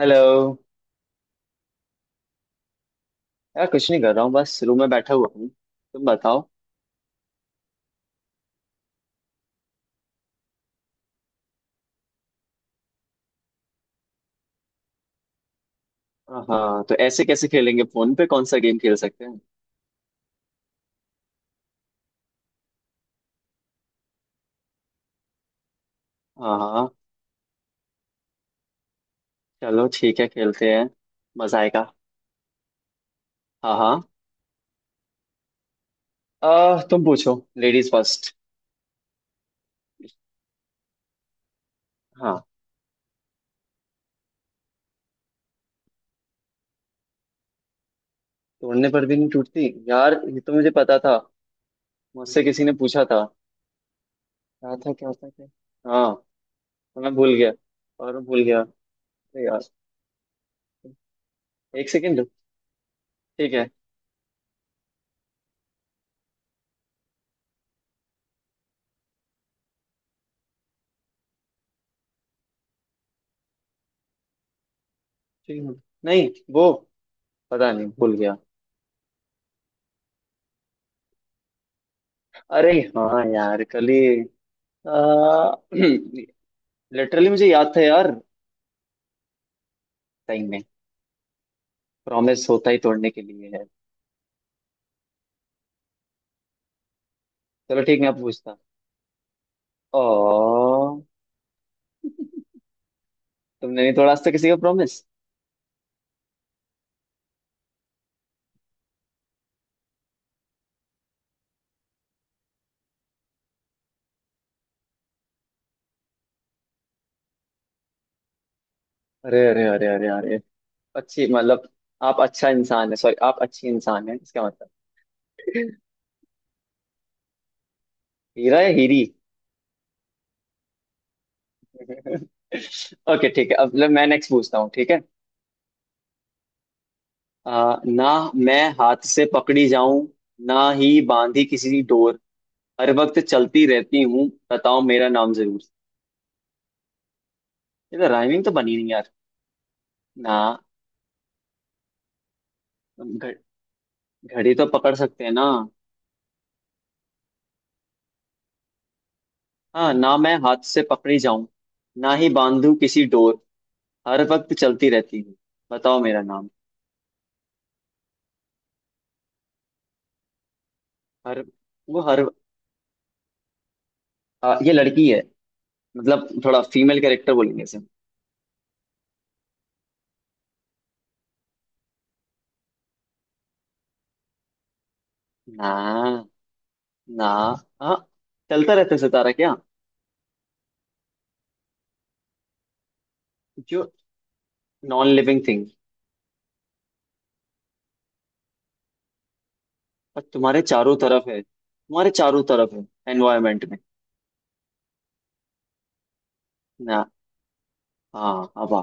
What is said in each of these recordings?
Hello. यार कुछ नहीं कर रहा हूँ, बस रूम में बैठा हुआ हूँ। तुम बताओ। हाँ, तो ऐसे कैसे खेलेंगे? फोन पे कौन सा गेम खेल सकते हैं? हाँ हाँ, चलो ठीक है, खेलते हैं। मजा आएगा। हाँ हाँ। तुम पूछो। Ladies first. हाँ, तोड़ने पर भी नहीं टूटती? यार, ये तो मुझे पता था। मुझसे किसी ने पूछा था। क्या था, क्या था, क्या? हाँ। तो मैं भूल गया। और मैं भूल गया। अरे यार, एक सेकेंड। ठीक है। ठीक है। नहीं, वो पता नहीं, भूल गया। अरे हाँ यार, कल ही, लिटरली मुझे याद था यार। टाइम में प्रॉमिस होता ही तोड़ने के लिए है। चलो ठीक, मैं अब पूछता। ओ, तुमने नहीं तोड़ा आज तक किसी का प्रॉमिस? अरे अरे अरे अरे अरे, अच्छी मतलब, आप अच्छा इंसान है, सॉरी, आप अच्छी इंसान है इसका मतलब। हीरा या हीरी? ओके ठीक है, अब मैं नेक्स्ट पूछता हूँ, ठीक है? ना मैं हाथ से पकड़ी जाऊं, ना ही बांधी किसी डोर, हर वक्त चलती रहती हूँ, बताओ मेरा नाम जरूर। ये तो राइमिंग तो बनी नहीं यार। ना। घ- घड़ी तो पकड़ सकते हैं ना? हाँ, ना मैं हाथ से पकड़ी जाऊं, ना ही बांधू किसी डोर, हर वक्त चलती रहती हूँ, बताओ मेरा नाम। हर, वो हर ये लड़की है, मतलब थोड़ा फीमेल कैरेक्टर बोलेंगे इसे। ना। ना। हाँ, चलता रहता है सितारा क्या? जो, नॉन लिविंग थिंग। और तुम्हारे चारों तरफ है, तुम्हारे चारों तरफ है, एनवायरमेंट में। ना। हाँ हवा।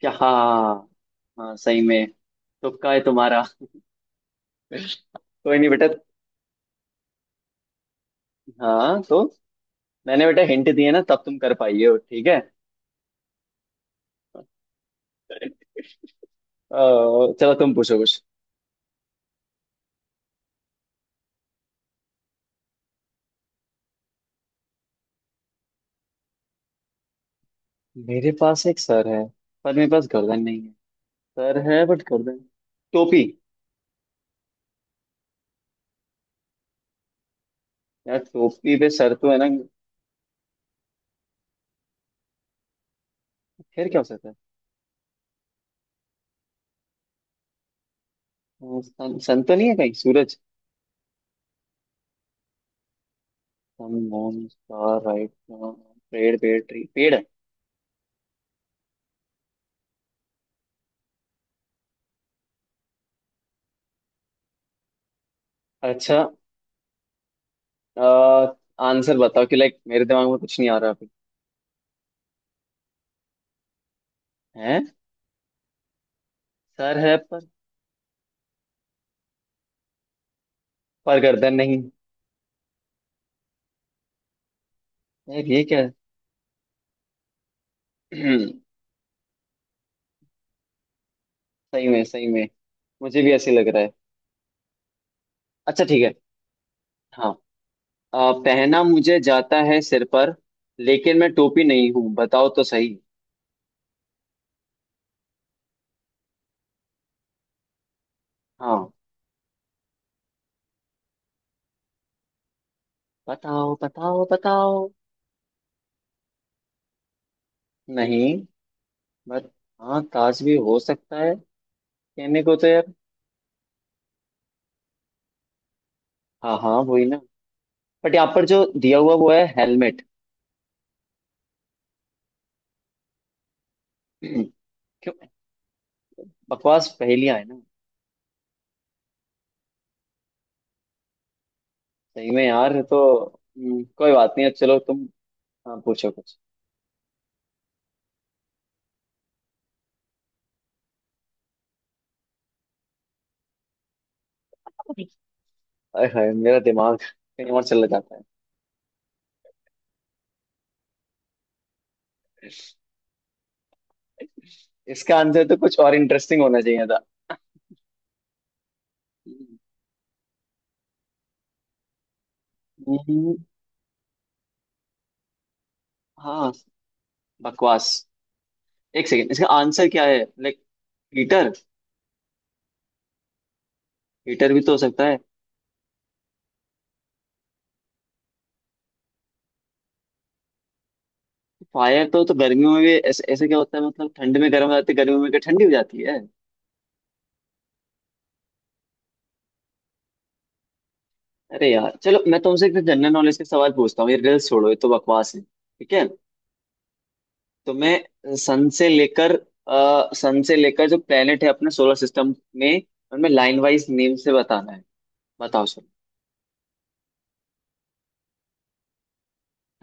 क्या, हाँ? हाँ, सही में। तुक्का है तुम्हारा। कोई नहीं बेटा। हाँ तो, मैंने बेटा हिंट दिए ना तब तुम कर पाई हो, ठीक है। अ, चलो तुम पूछो कुछ। मेरे पास एक सर है पर मेरे पास गर्दन नहीं है। सर है बट गर्दन। टोपी। यार, टोपी पे सर तो है ना? फिर क्या हो सकता है? सन, सन तो नहीं है कहीं? सूरज। Sun moon star right. पेड़ पेड़ ट्री, पेड़ है? अच्छा। आंसर बताओ कि, लाइक, मेरे दिमाग में कुछ नहीं आ रहा अभी। है? सर है पर गर्दन नहीं। यार ये क्या है? सही में, सही में। मुझे भी ऐसे लग रहा है। अच्छा ठीक है। हाँ। पहना मुझे जाता है सिर पर लेकिन मैं टोपी नहीं हूँ, बताओ तो सही। हाँ, बताओ बताओ बताओ। नहीं। बट हाँ, ताज भी हो सकता है, कहने को तो यार। हाँ हाँ वही ना। बट यहाँ पर जो दिया हुआ वो है हेलमेट। क्यों? बकवास पहेलियां है ना। सही में यार। तो कोई बात नहीं, अब चलो तुम। हाँ, पूछो कुछ। अरे हाय, मेरा दिमाग कहीं और चला जाता है। इसका आंसर तो कुछ और इंटरेस्टिंग होना चाहिए था। हम्म, हाँ, बकवास। एक सेकेंड, इसका आंसर क्या है? Like, heater. हीटर भी तो हो सकता है। फायर तो गर्मियों में भी ऐसे ऐसे क्या होता है? मतलब ठंड में गर्म हो जाती है, गर्मियों में क्या ठंडी हो जाती है? अरे यार, चलो मैं तुमसे एक जनरल नॉलेज के सवाल पूछता हूँ, ये रिल्स छोड़ो, ये तो बकवास है, ठीक है? तो मैं सन से लेकर, सन से लेकर जो प्लेनेट है अपने सोलर सिस्टम में, उनमें लाइन वाइज नेम से बताना है। बताओ सर।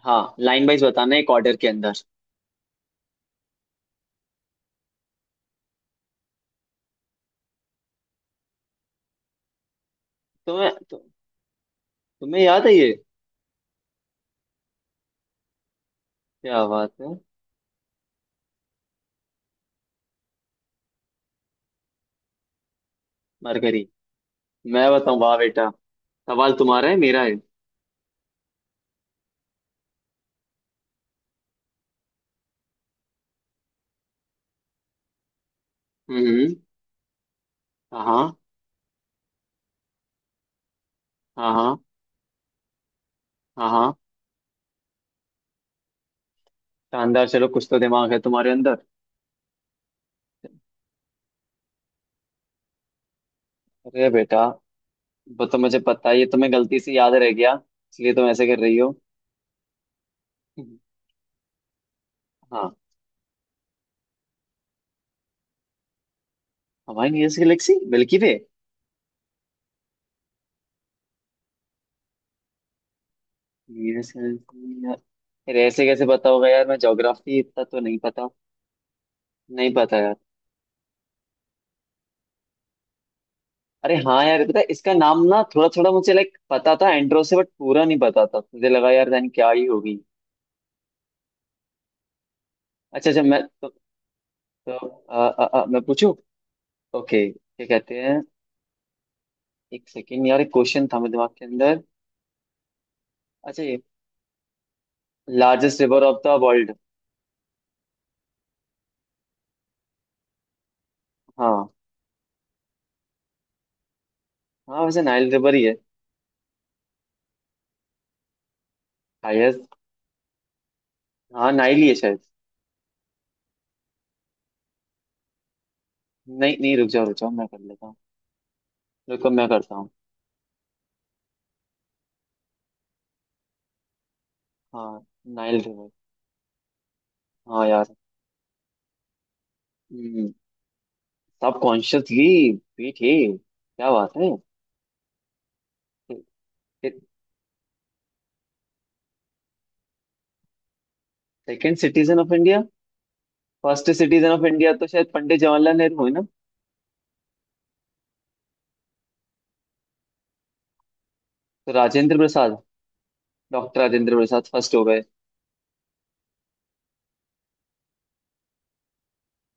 हाँ, लाइन वाइज बताना है, एक ऑर्डर के अंदर। तुम्हें तु, तुम्हें याद है ये? क्या बात है। मरकरी। मैं बताऊं? वाह बेटा। सवाल तुम्हारा है मेरा है। हम्म। हाँ हाँ। हाँ हाँ। हाँ। शानदार, चलो कुछ तो दिमाग है तुम्हारे अंदर। अरे बेटा, वो तो मुझे पता है, ये तुम्हें गलती से याद रह गया इसलिए तुम ऐसे कर रही हो। हाँ, हमारी nearest galaxy Milky Way. Nearest galaxy यार, फिर ऐसे कैसे पता होगा यार? मैं ज्योग्राफी इतना तो नहीं पता। नहीं पता यार। अरे हाँ यार, पता है इसका नाम ना, थोड़ा थोड़ा मुझे, लाइक, पता था एंड्रो से, बट पूरा नहीं पता था, मुझे लगा यार जान क्या ही होगी। अच्छा अच्छा, मैं तो अ, अ, अ, मैं पूछूं। ओके क्या कहते हैं? एक सेकेंड यार, एक क्वेश्चन था मेरे दिमाग के अंदर। अच्छा ये, largest river of the world. हाँ, हाँ, वैसे नाइल रिवर ही है। हाईएस्ट। हाँ, नाइल ही है शायद। नहीं नहीं, रुक जाओ रुक जाओ, मैं कर लेता हूँ। रुको मैं करता हूँ। हाँ, नाइल रिवर। हाँ यार, सब कॉन्शियसली। पीठ ही क्या बात है। Second citizen of India. First citizen of India तो शायद पंडित जवाहरलाल नेहरू हुए ना। तो राजेंद्र प्रसाद, डॉक्टर राजेंद्र प्रसाद फर्स्ट हो गए।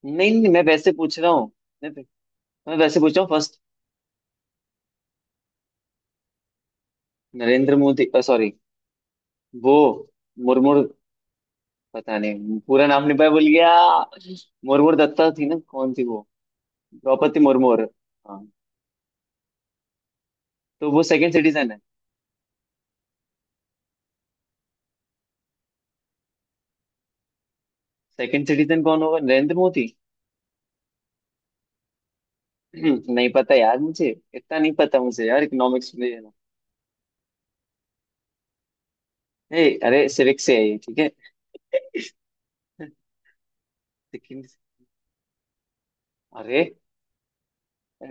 नहीं नहीं, मैं वैसे पूछ रहा हूँ। नहीं, मैं वैसे पूछ रहा हूँ फर्स्ट। नरेंद्र मोदी, सॉरी। वो मुर्मू, पता नहीं पूरा नाम नहीं पता, भूल गया। मुर्मू दत्ता थी ना, कौन थी वो? द्रौपदी मुर्मू हाँ, तो वो सेकंड सिटीजन है। सेकंड सिटीजन कौन होगा, नरेंद्र मोदी? नहीं पता यार मुझे, इतना नहीं पता मुझे यार, इकोनॉमिक्स में है ना। अरे सिविक्स से है ये, ठीक है। सिक्किम- अरे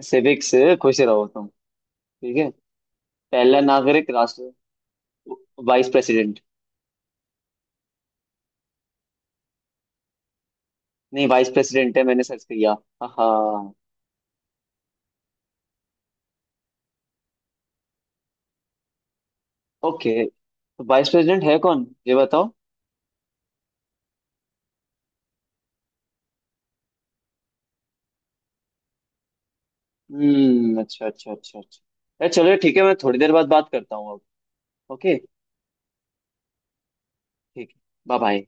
सिविक से खुश रहो तुम, ठीक है। पहला नागरिक राष्ट्र, वाइस प्रेसिडेंट। नहीं, वाइस प्रेसिडेंट है, मैंने सर्च किया। हाँ। ओके, तो वाइस प्रेसिडेंट है कौन, ये बताओ। हम्म, अच्छा अच्छा अच्छा अच्छा। अरे चलो ठीक है, मैं थोड़ी देर बाद बात करता हूँ अब। ओके। ठीक है। Bye bye.